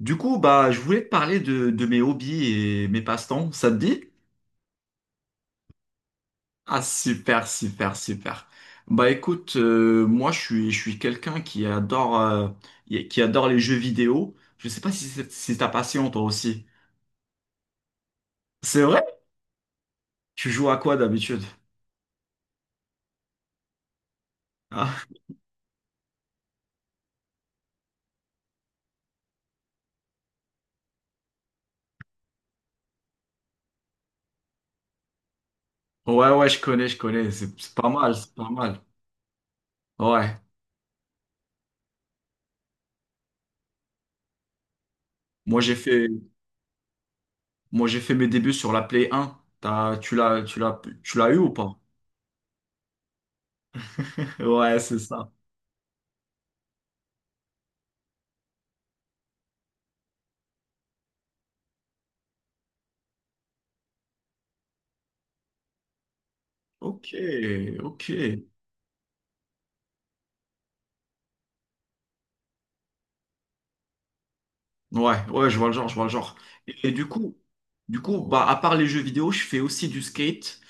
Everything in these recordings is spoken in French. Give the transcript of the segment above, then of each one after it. Du coup, bah, je voulais te parler de mes hobbies et mes passe-temps. Ça te dit? Ah, super, super, super. Bah, écoute, moi, je suis quelqu'un qui adore les jeux vidéo. Je sais pas si c'est si ta passion, toi aussi. C'est vrai? Tu joues à quoi d'habitude? Ah, ouais, ouais, je connais. C'est pas mal, c'est pas mal. Ouais. Moi, j'ai fait, moi, j'ai fait mes débuts sur la Play 1. T'as, tu l'as eu ou pas? Ouais, c'est ça. Ok, ok. Ouais, ouais, je vois le genre. Et, et du coup, du coup, bah, à part les jeux vidéo, je fais aussi du skate.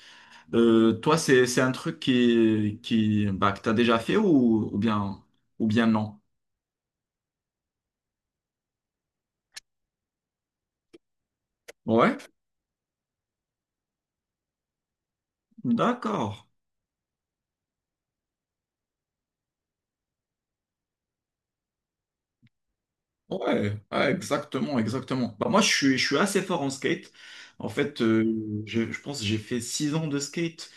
Toi, c'est un truc bah, que t'as déjà fait ou, ou bien non? Ouais, d'accord. Ouais, ouais, exactement, exactement. Bah, moi, je suis assez fort en skate. En fait, je pense que j'ai fait six ans de skate.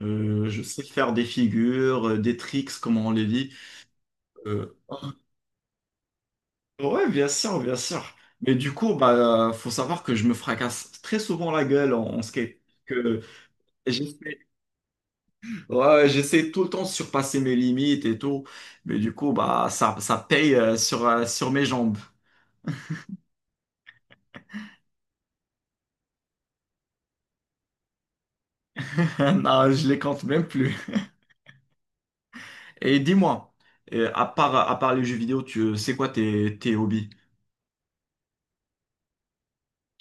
Je sais faire des figures, des tricks, comme on les dit. Ouais, bien sûr, bien sûr. Mais du coup, bah, faut savoir que je me fracasse très souvent la gueule en, en skate. Que j'essaie, ouais, j'essaie tout le temps de surpasser mes limites et tout. Mais du coup, bah, ça paye sur, sur mes jambes. Non, je les compte même plus. Et dis-moi, à part les jeux vidéo, tu, c'est quoi tes, tes hobbies?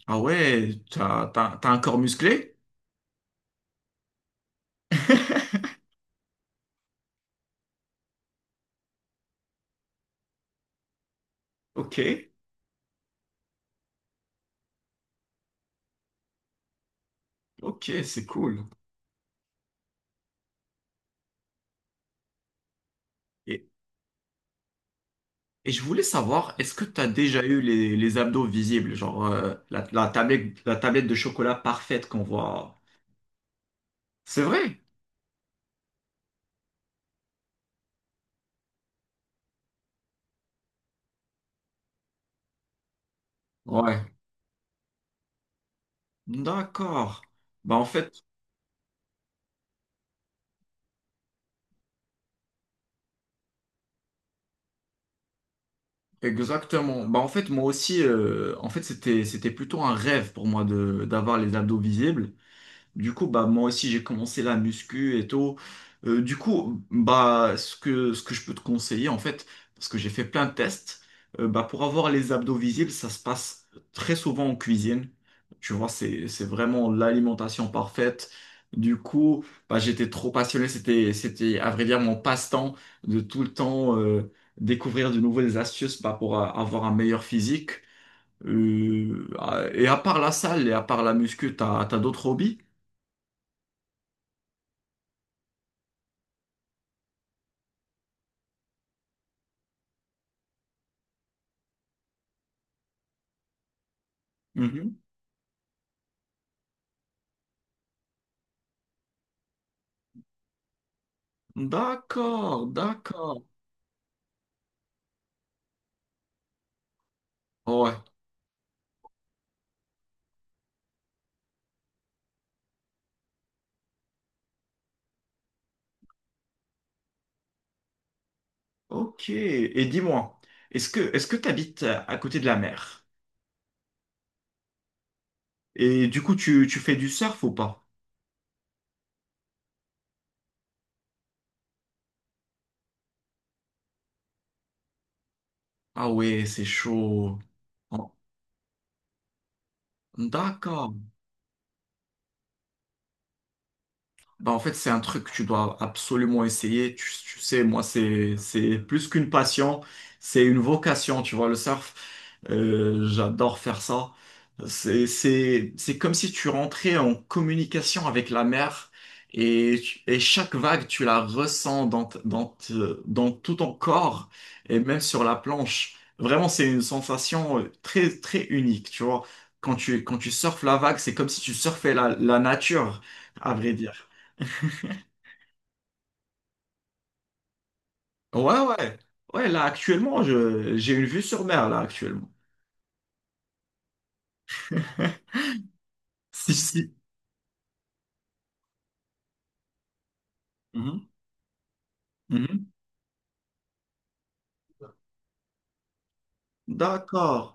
Ah ouais, t'as un corps musclé? Ok, ok, c'est cool. Et je voulais savoir, est-ce que tu as déjà eu les abdos visibles, genre la, la tablette de chocolat parfaite qu'on voit? C'est vrai? Ouais. D'accord. Bah en fait, exactement. Bah en fait, moi aussi, en fait, c'était plutôt un rêve pour moi de, d'avoir les abdos visibles. Du coup, bah, moi aussi, j'ai commencé la muscu et tout. Du coup, bah, ce que je peux te conseiller, en fait, parce que j'ai fait plein de tests, bah, pour avoir les abdos visibles, ça se passe très souvent en cuisine. Tu vois, c'est vraiment l'alimentation parfaite. Du coup, bah, j'étais trop passionné. À vrai dire, mon passe-temps de tout le temps, découvrir de nouvelles astuces, bah, pour avoir un meilleur physique. Et à part la salle et à part la muscu, t'as d'autres hobbies? Mhm. D'accord, d'accord. Ouais, ok. Et dis-moi, est-ce que tu habites à côté de la mer? Et du coup, tu fais du surf ou pas? Ah ouais, c'est chaud. Oh, d'accord. Bah, en fait, c'est un truc que tu dois absolument essayer. Tu sais, moi, c'est plus qu'une passion, c'est une vocation, tu vois, le surf. J'adore faire ça. C'est comme si tu rentrais en communication avec la mer et, et chaque vague, tu la ressens dans tout ton corps et même sur la planche. Vraiment, c'est une sensation très, très unique, tu vois. Quand tu surfes la vague, c'est comme si tu surfais la, la nature, à vrai dire. Ouais, ouais. Ouais, là, actuellement, j'ai une vue sur mer, là, actuellement. Si, si. Mhm, mhm. D'accord.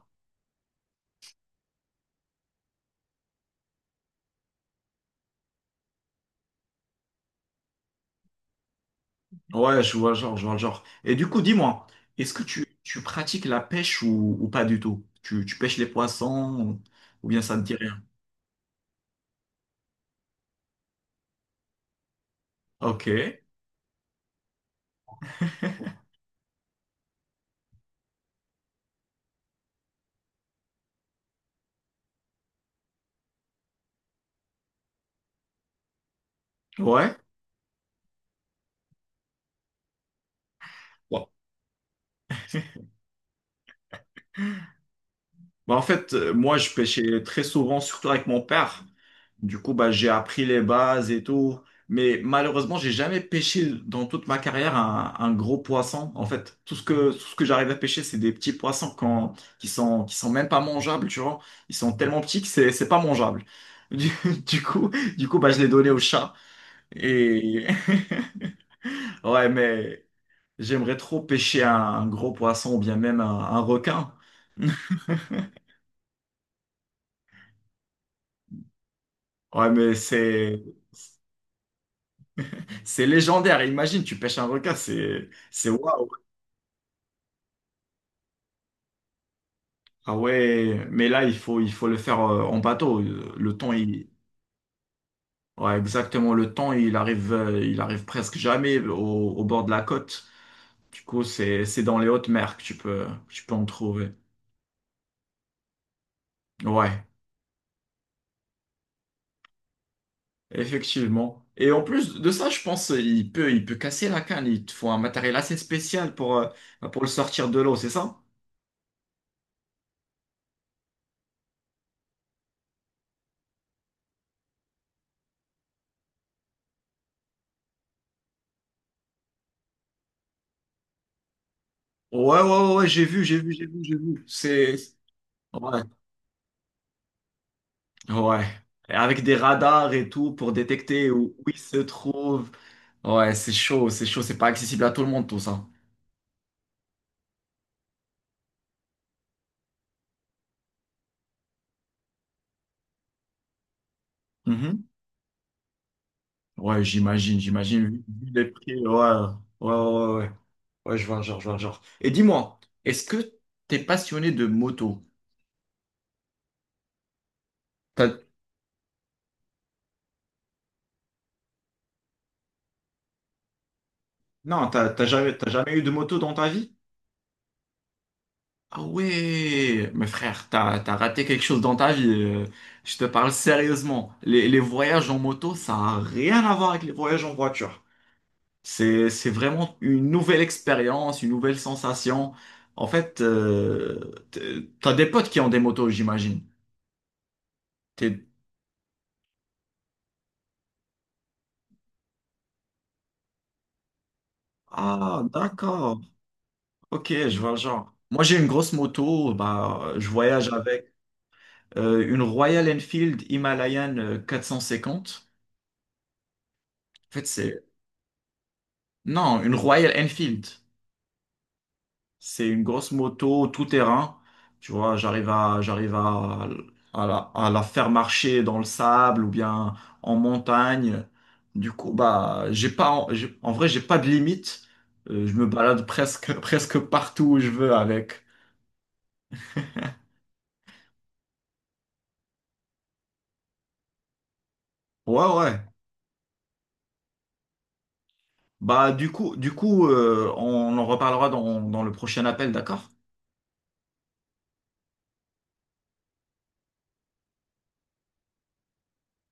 Je vois le genre. Et du coup, dis-moi, est-ce que tu pratiques la pêche ou pas du tout? Tu pêches les poissons ou bien ça ne dit rien? Ok. Ouais. Bon. Bah, en fait, moi, je pêchais très souvent, surtout avec mon père. Du coup, bah, j'ai appris les bases et tout. Mais malheureusement, j'ai jamais pêché dans toute ma carrière un gros poisson. En fait, tout ce que j'arrive à pêcher, c'est des petits poissons quand, qui sont même pas mangeables, tu vois. Ils sont tellement petits que c'est pas mangeable. Du, du coup, du coup, bah, je l'ai donné au chat. Et ouais, mais j'aimerais trop pêcher un gros poisson ou bien même un requin. Ouais, mais c'est, c'est légendaire. Imagine, tu pêches un requin, c'est waouh. Ah ouais, mais là, il faut le faire en bateau. Le temps, il… ouais, exactement, le temps, il arrive presque jamais au, au bord de la côte. Du coup, c'est dans les hautes mers que tu peux en trouver. Ouais, effectivement. Et en plus de ça, je pense, il peut casser la canne. Il te faut un matériel assez spécial pour le sortir de l'eau, c'est ça? Ouais, ouais, ouais, ouais, j'ai vu. C'est. Ouais, ouais. Et avec des radars et tout pour détecter où, où ils se trouvent. Ouais, c'est chaud, c'est chaud, c'est pas accessible à tout le monde, tout ça. Mhm. Ouais, j'imagine, j'imagine, vu, vu les prix. Ouais, ouais, ouais, ouais. Ouais, ouais, je vois le genre. Et dis-moi, est-ce que t'es passionné de moto? T'as- Non, t'as jamais eu de moto dans ta vie? Ah ouais, mais frère, t'as raté quelque chose dans ta vie. Je te parle sérieusement. Les voyages en moto, ça n'a rien à voir avec les voyages en voiture. C'est vraiment une nouvelle expérience, une nouvelle sensation. En fait, t'as des potes qui ont des motos, j'imagine. T'es- Ah, d'accord. Ok, je vois le genre. Moi, j'ai une grosse moto. Bah, je voyage avec une Royal Enfield Himalayan 450. En fait, c'est… Non, une Royal Enfield. C'est une grosse moto tout terrain. Tu vois, à la faire marcher dans le sable ou bien en montagne. Du coup, bah, j'ai pas, en, j'ai- en vrai, j'ai pas de limite. Je me balade presque, presque partout où je veux avec. Ouais, ouais. Bah, du coup, on en reparlera dans, dans le prochain appel, d'accord?